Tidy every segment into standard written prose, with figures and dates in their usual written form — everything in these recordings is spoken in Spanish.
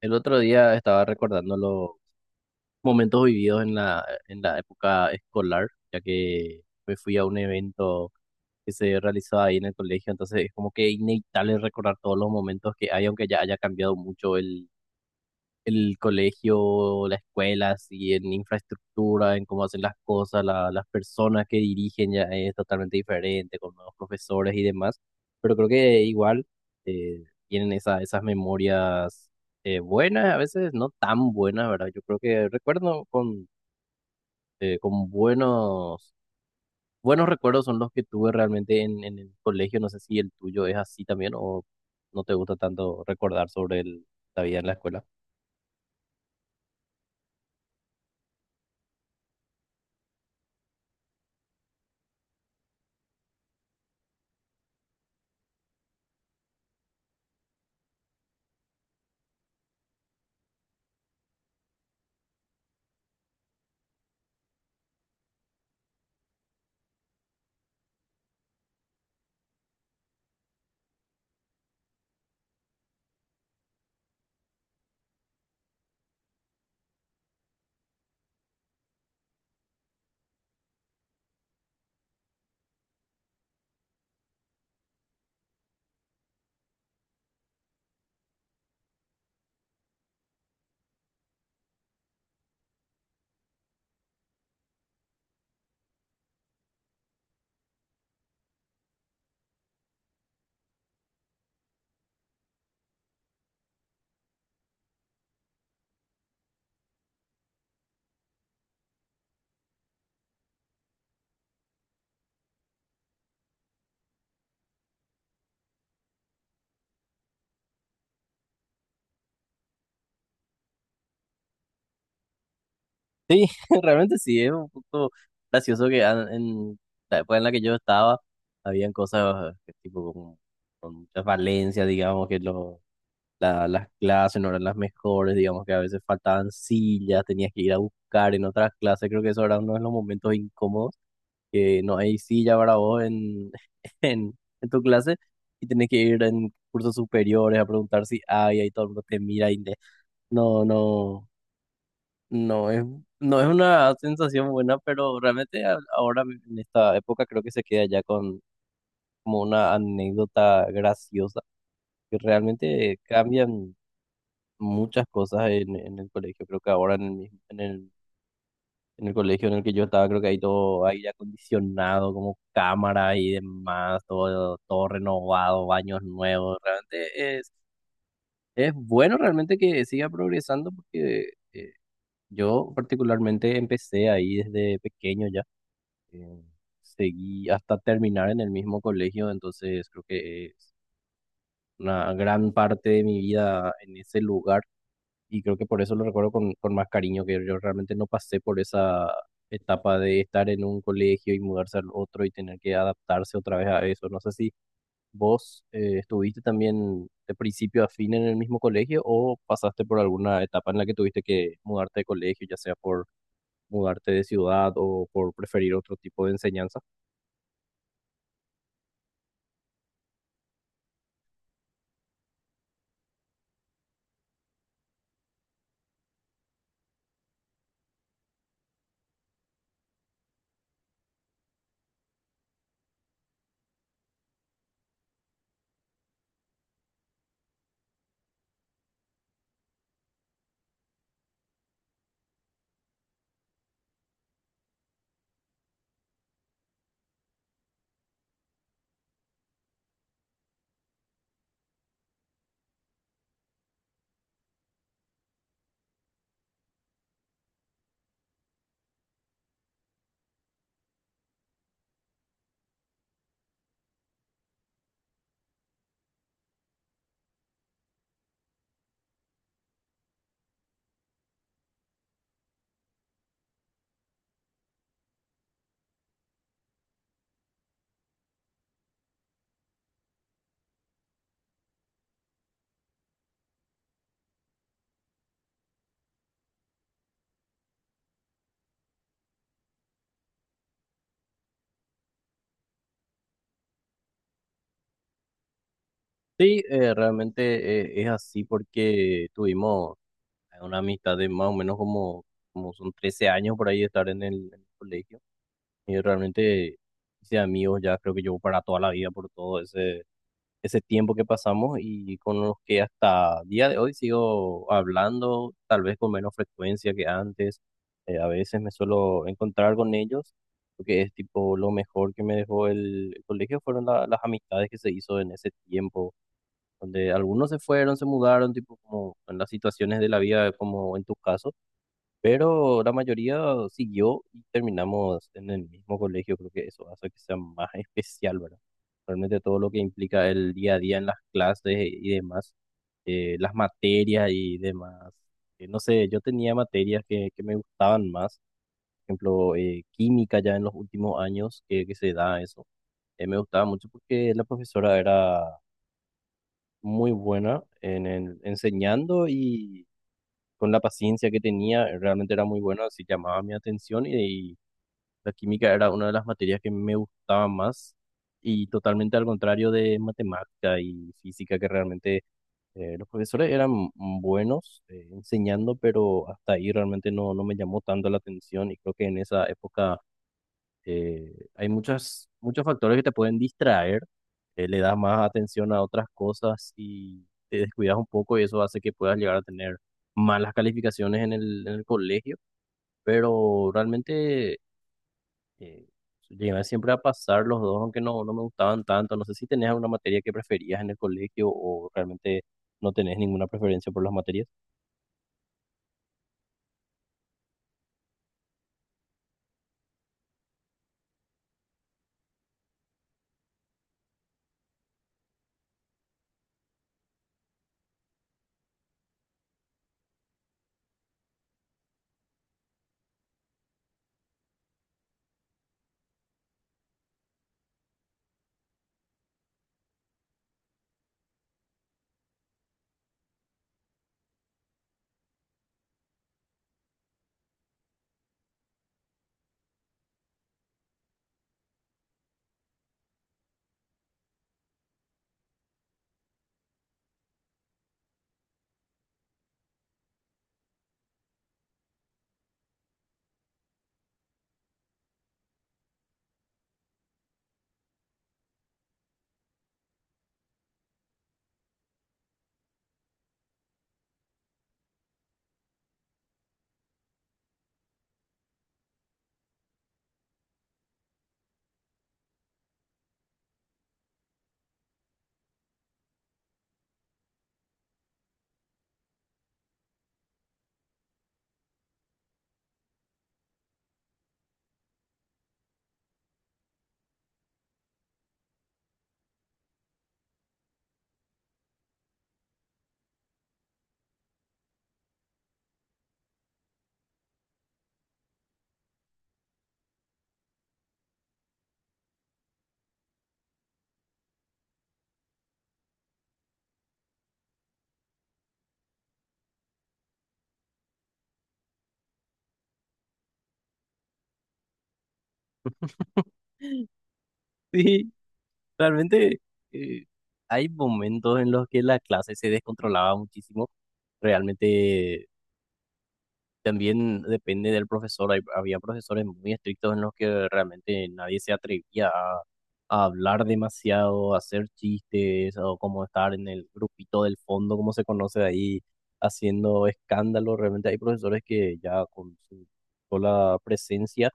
El otro día estaba recordando los momentos vividos en la época escolar, ya que me fui a un evento que se realizaba ahí en el colegio. Entonces es como que inevitable recordar todos los momentos que hay, aunque ya haya cambiado mucho el colegio, la escuela, así, en infraestructura, en cómo hacen las cosas. Las personas que dirigen ya es totalmente diferente, con nuevos profesores y demás, pero creo que igual tienen esas memorias buenas, a veces no tan buenas, ¿verdad? Yo creo que recuerdo con buenos recuerdos son los que tuve realmente en el colegio. No sé si el tuyo es así también o no te gusta tanto recordar sobre la vida en la escuela. Sí, realmente sí, es un poco gracioso que en la época en la que yo estaba, habían cosas que tipo como con muchas valencias, digamos, que las clases no eran las mejores. Digamos que a veces faltaban sillas, tenías que ir a buscar en otras clases. Creo que eso era uno de los momentos incómodos, que no hay silla para vos en, en, en tu clase, y tenés que ir en cursos superiores a preguntar si hay, ahí todo el mundo te mira y no, no. No es, no es una sensación buena. Pero realmente ahora en esta época creo que se queda ya con como una anécdota graciosa, que realmente cambian muchas cosas en el colegio. Creo que ahora en el en el colegio en el que yo estaba, creo que hay todo aire acondicionado, como cámara y demás, todo, todo renovado, baños nuevos. Realmente es bueno realmente que siga progresando, porque yo particularmente empecé ahí desde pequeño ya, eh, seguí hasta terminar en el mismo colegio. Entonces creo que es una gran parte de mi vida en ese lugar, y creo que por eso lo recuerdo con más cariño, que yo realmente no pasé por esa etapa de estar en un colegio y mudarse al otro y tener que adaptarse otra vez a eso. No sé si vos estuviste también de principio a fin en el mismo colegio o pasaste por alguna etapa en la que tuviste que mudarte de colegio, ya sea por mudarte de ciudad o por preferir otro tipo de enseñanza. Sí, realmente es así porque tuvimos una amistad de más o menos como son 13 años por ahí de estar en en el colegio. Y realmente hice amigos ya, creo que llevo para toda la vida por todo ese tiempo que pasamos y con los que hasta día de hoy sigo hablando, tal vez con menos frecuencia que antes. A veces me suelo encontrar con ellos, porque es tipo lo mejor que me dejó el colegio fueron las amistades que se hizo en ese tiempo, donde algunos se fueron, se mudaron, tipo como en las situaciones de la vida, como en tu caso, pero la mayoría siguió y terminamos en el mismo colegio. Creo que eso hace que sea más especial, ¿verdad? Realmente todo lo que implica el día a día en las clases y demás, las materias y demás. No sé, yo tenía materias que me gustaban más, por ejemplo, química ya en los últimos años que se da eso. Me gustaba mucho porque la profesora era muy buena en enseñando y con la paciencia que tenía, realmente era muy buena, así llamaba mi atención y la química era una de las materias que me gustaba más, y totalmente al contrario de matemática y física que realmente los profesores eran buenos enseñando, pero hasta ahí realmente no, no me llamó tanto la atención. Y creo que en esa época eh, hay muchos factores que te pueden distraer, le das más atención a otras cosas y te descuidas un poco, y eso hace que puedas llegar a tener malas calificaciones en en el colegio. Pero realmente eh, llegué siempre a pasar los dos, aunque no, no me gustaban tanto. No sé si tenías alguna materia que preferías en el colegio o realmente no tenés ninguna preferencia por las materias. Sí, realmente eh, hay momentos en los que la clase se descontrolaba muchísimo realmente. También depende del profesor. Había profesores muy estrictos en los que realmente nadie se atrevía a hablar demasiado, a hacer chistes o como estar en el grupito del fondo, como se conoce ahí, haciendo escándalo. Realmente hay profesores que ya con su sola presencia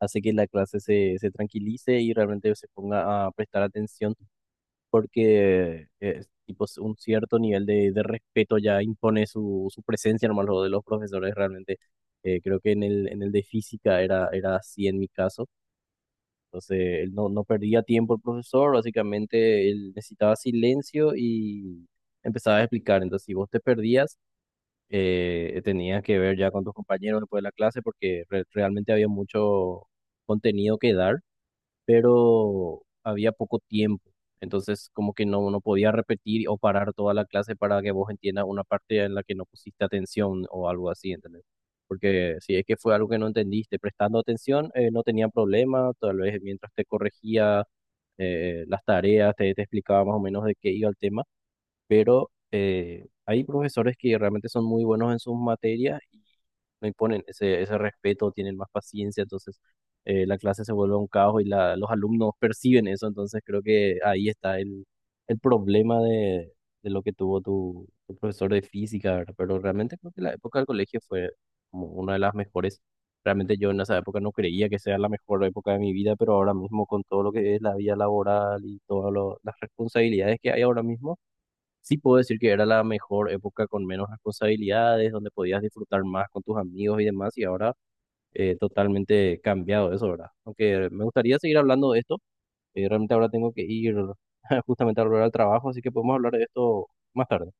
hace que la clase se tranquilice y realmente se ponga a prestar atención, porque es tipo un cierto nivel de respeto ya impone su presencia nomás lo de los profesores realmente. Creo que en en el de física era así en mi caso. Entonces, él no, no perdía tiempo el profesor, básicamente él necesitaba silencio y empezaba a explicar. Entonces, si vos te perdías, tenías que ver ya con tus compañeros después de la clase, porque realmente había mucho contenido que dar, pero había poco tiempo. Entonces, como que no, no podía repetir o parar toda la clase para que vos entiendas una parte en la que no pusiste atención o algo así, ¿entendés? Porque si es que fue algo que no entendiste, prestando atención, no tenía problema. Tal vez mientras te corregía las tareas, te explicaba más o menos de qué iba el tema, pero hay profesores que realmente son muy buenos en sus materias, no imponen ese respeto, tienen más paciencia, entonces la clase se vuelve un caos y los alumnos perciben eso. Entonces creo que ahí está el problema de lo que tuvo tu profesor de física, ¿verdad? Pero realmente creo que la época del colegio fue como una de las mejores. Realmente yo en esa época no creía que sea la mejor época de mi vida, pero ahora mismo con todo lo que es la vida laboral y todas las responsabilidades que hay ahora mismo, sí puedo decir que era la mejor época con menos responsabilidades, donde podías disfrutar más con tus amigos y demás. Y ahora totalmente cambiado eso, ¿verdad? Aunque me gustaría seguir hablando de esto, realmente ahora tengo que ir justamente a volver al trabajo, así que podemos hablar de esto más tarde.